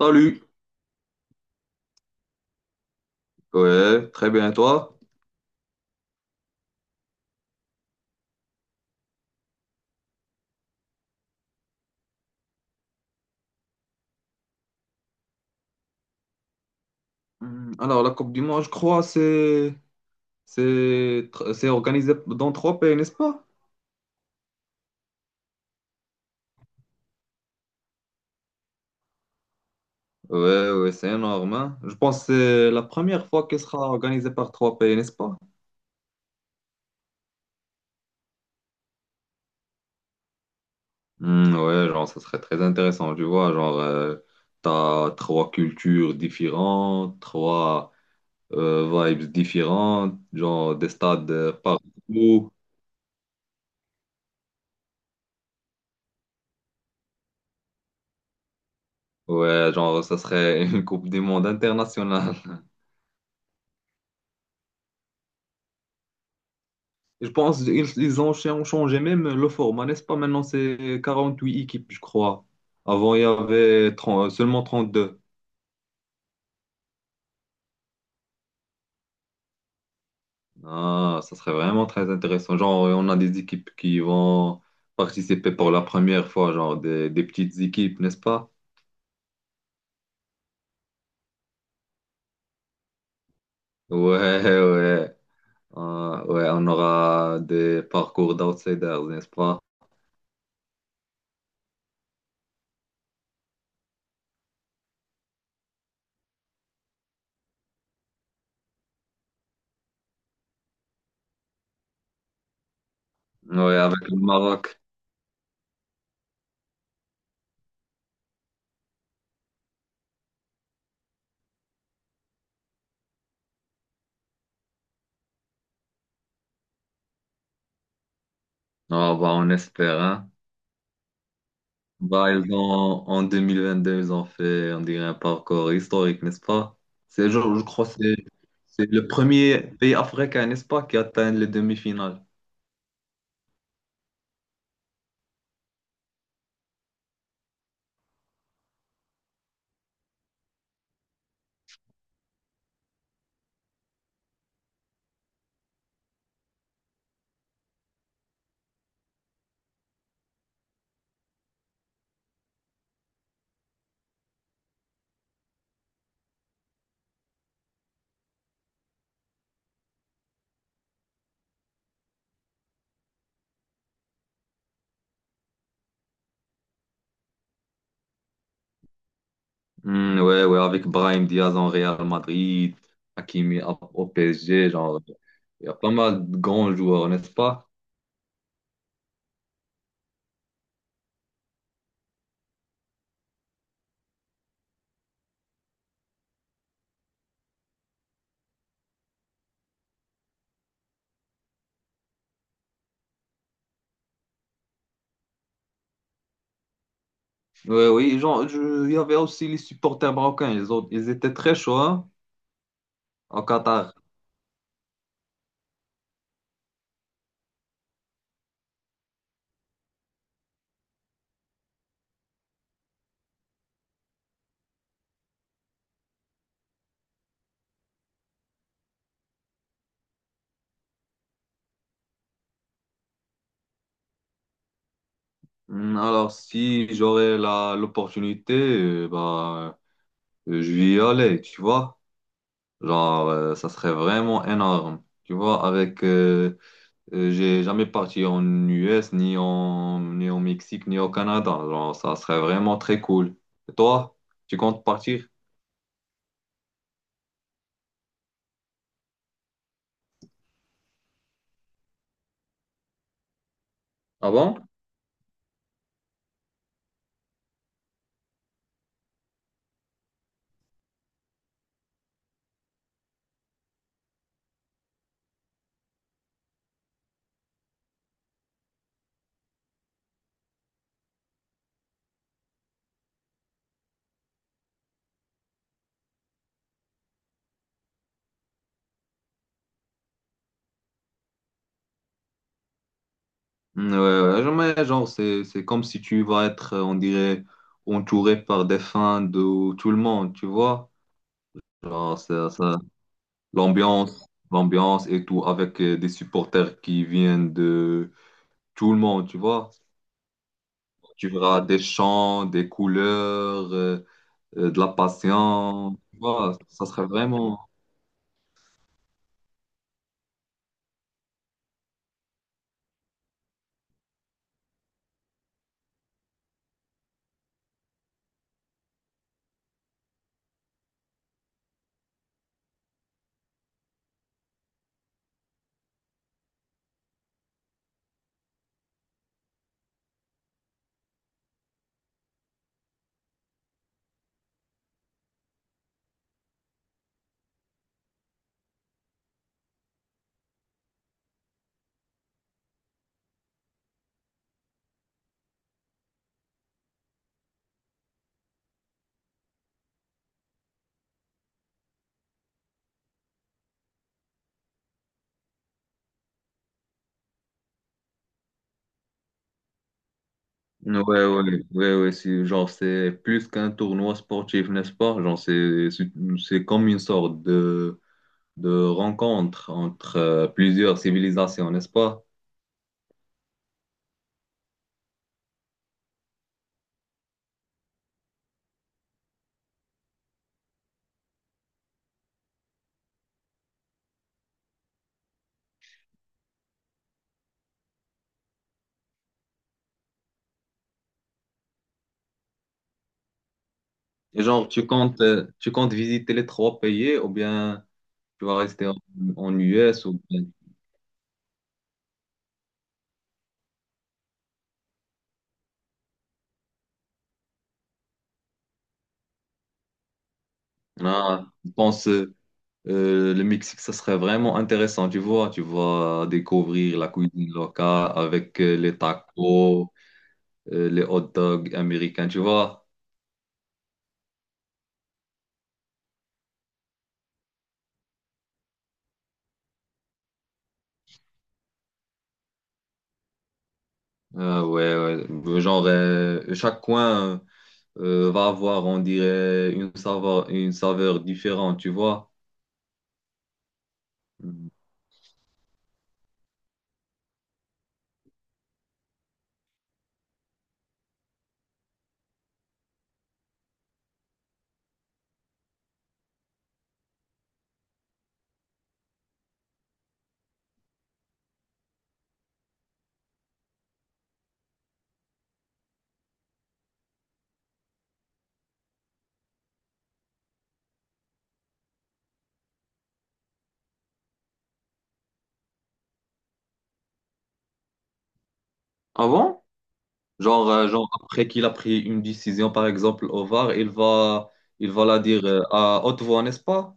Salut. Ouais, très bien, et toi? Alors, la Coupe du Monde, je crois, c'est organisé dans trois pays, n'est-ce pas? Ouais, ouais, c'est énorme, hein. Je pense que c'est la première fois qu'elle sera organisée par trois pays, n'est-ce pas? Ouais, genre, ça serait très intéressant, tu vois. Genre, t'as trois cultures différentes, trois vibes différentes, genre des stades partout. Ouais, genre, ça serait une Coupe du Monde internationale. Je pense qu'ils ils ont changé même le format, n'est-ce pas? Maintenant, c'est 48 équipes, je crois. Avant, il y avait 30 seulement deux. Ah, ça serait vraiment très intéressant. Genre, on a des équipes qui vont participer pour la première fois, genre des petites équipes, n'est-ce pas? Ouais, ouais. Ah, ouais, on aura des parcours d'outsiders, n'est-ce pas? Ouais, avec le Maroc. Ah, bah, on espère, hein. Bah, ils ont, en 2022, ils ont fait, on dirait, un parcours historique, n'est-ce pas? C'est, genre, je crois que c'est le premier pays africain, n'est-ce pas, qui atteint les demi-finales. Ouais, ouais, avec Brahim Diaz en Real Madrid, Hakimi au PSG, genre, il y a pas mal de grands joueurs, n'est-ce pas? Ouais, oui, genre, il y avait aussi les supporters marocains, ils étaient très chauds, hein, au Qatar. Alors, si j'aurais l'opportunité, bah, je vais y aller, tu vois. Genre, ça serait vraiment énorme. Tu vois, j'ai jamais parti en US, ni en, ni au Mexique, ni au Canada. Genre, ça serait vraiment très cool. Et toi, tu comptes partir? Ah bon? Ouais, ouais, jamais, genre, c'est comme si tu vas être, on dirait, entouré par des fans de tout le monde, tu vois? Genre, l'ambiance, l'ambiance et tout, avec des supporters qui viennent de tout le monde, tu vois? Tu verras des champs, des couleurs, de la patience, tu vois, ça serait vraiment. Ouais, ouais, ouais, ouais, genre, c'est plus qu'un tournoi sportif, n'est-ce pas? Genre, c'est comme une sorte de rencontre entre plusieurs civilisations, n'est-ce pas? Et genre, tu comptes visiter les trois pays ou bien tu vas rester en US ou bien. Ah, je pense, le Mexique, ça serait vraiment intéressant, tu vois. Tu vas découvrir la cuisine locale avec les tacos, les hot dogs américains, tu vois. Ouais, ouais. Genre, chaque coin va avoir, on dirait, une saveur différente, tu vois. Mhm. Ah bon, genre, après qu'il a pris une décision, par exemple, au VAR, il va la dire à haute voix, n'est-ce pas?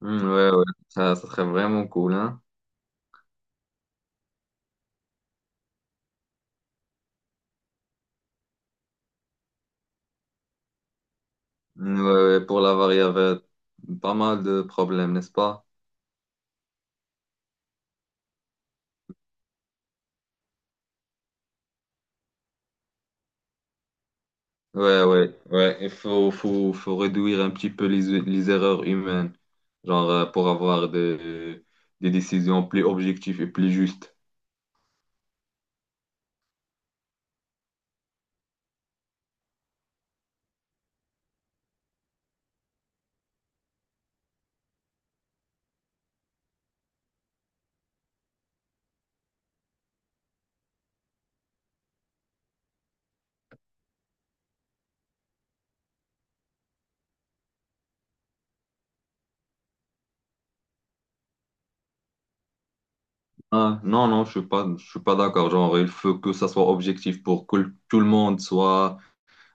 Mhm, ouais, ouais, ça serait vraiment cool, hein. Ouais, pour l'avare, il y avait pas mal de problèmes, n'est-ce pas? Ouais, ouais, ouais. Faut réduire un petit peu les erreurs humaines, genre pour avoir des décisions plus objectives et plus justes. Ah, non, non, je suis pas d'accord. Genre, il faut que ça soit objectif pour que tout le monde soit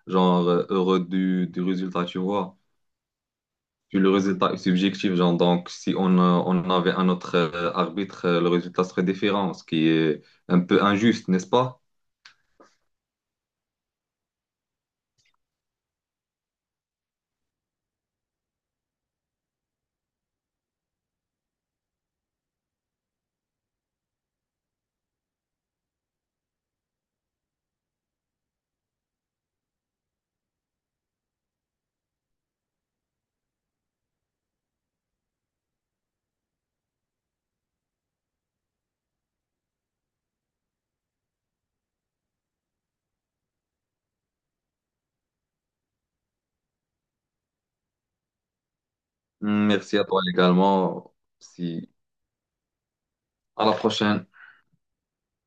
genre heureux du résultat, tu vois. Puis le résultat est subjectif, genre, donc si on, on avait un autre arbitre, le résultat serait différent, ce qui est un peu injuste, n'est-ce pas? Merci à toi également. Si... À la prochaine.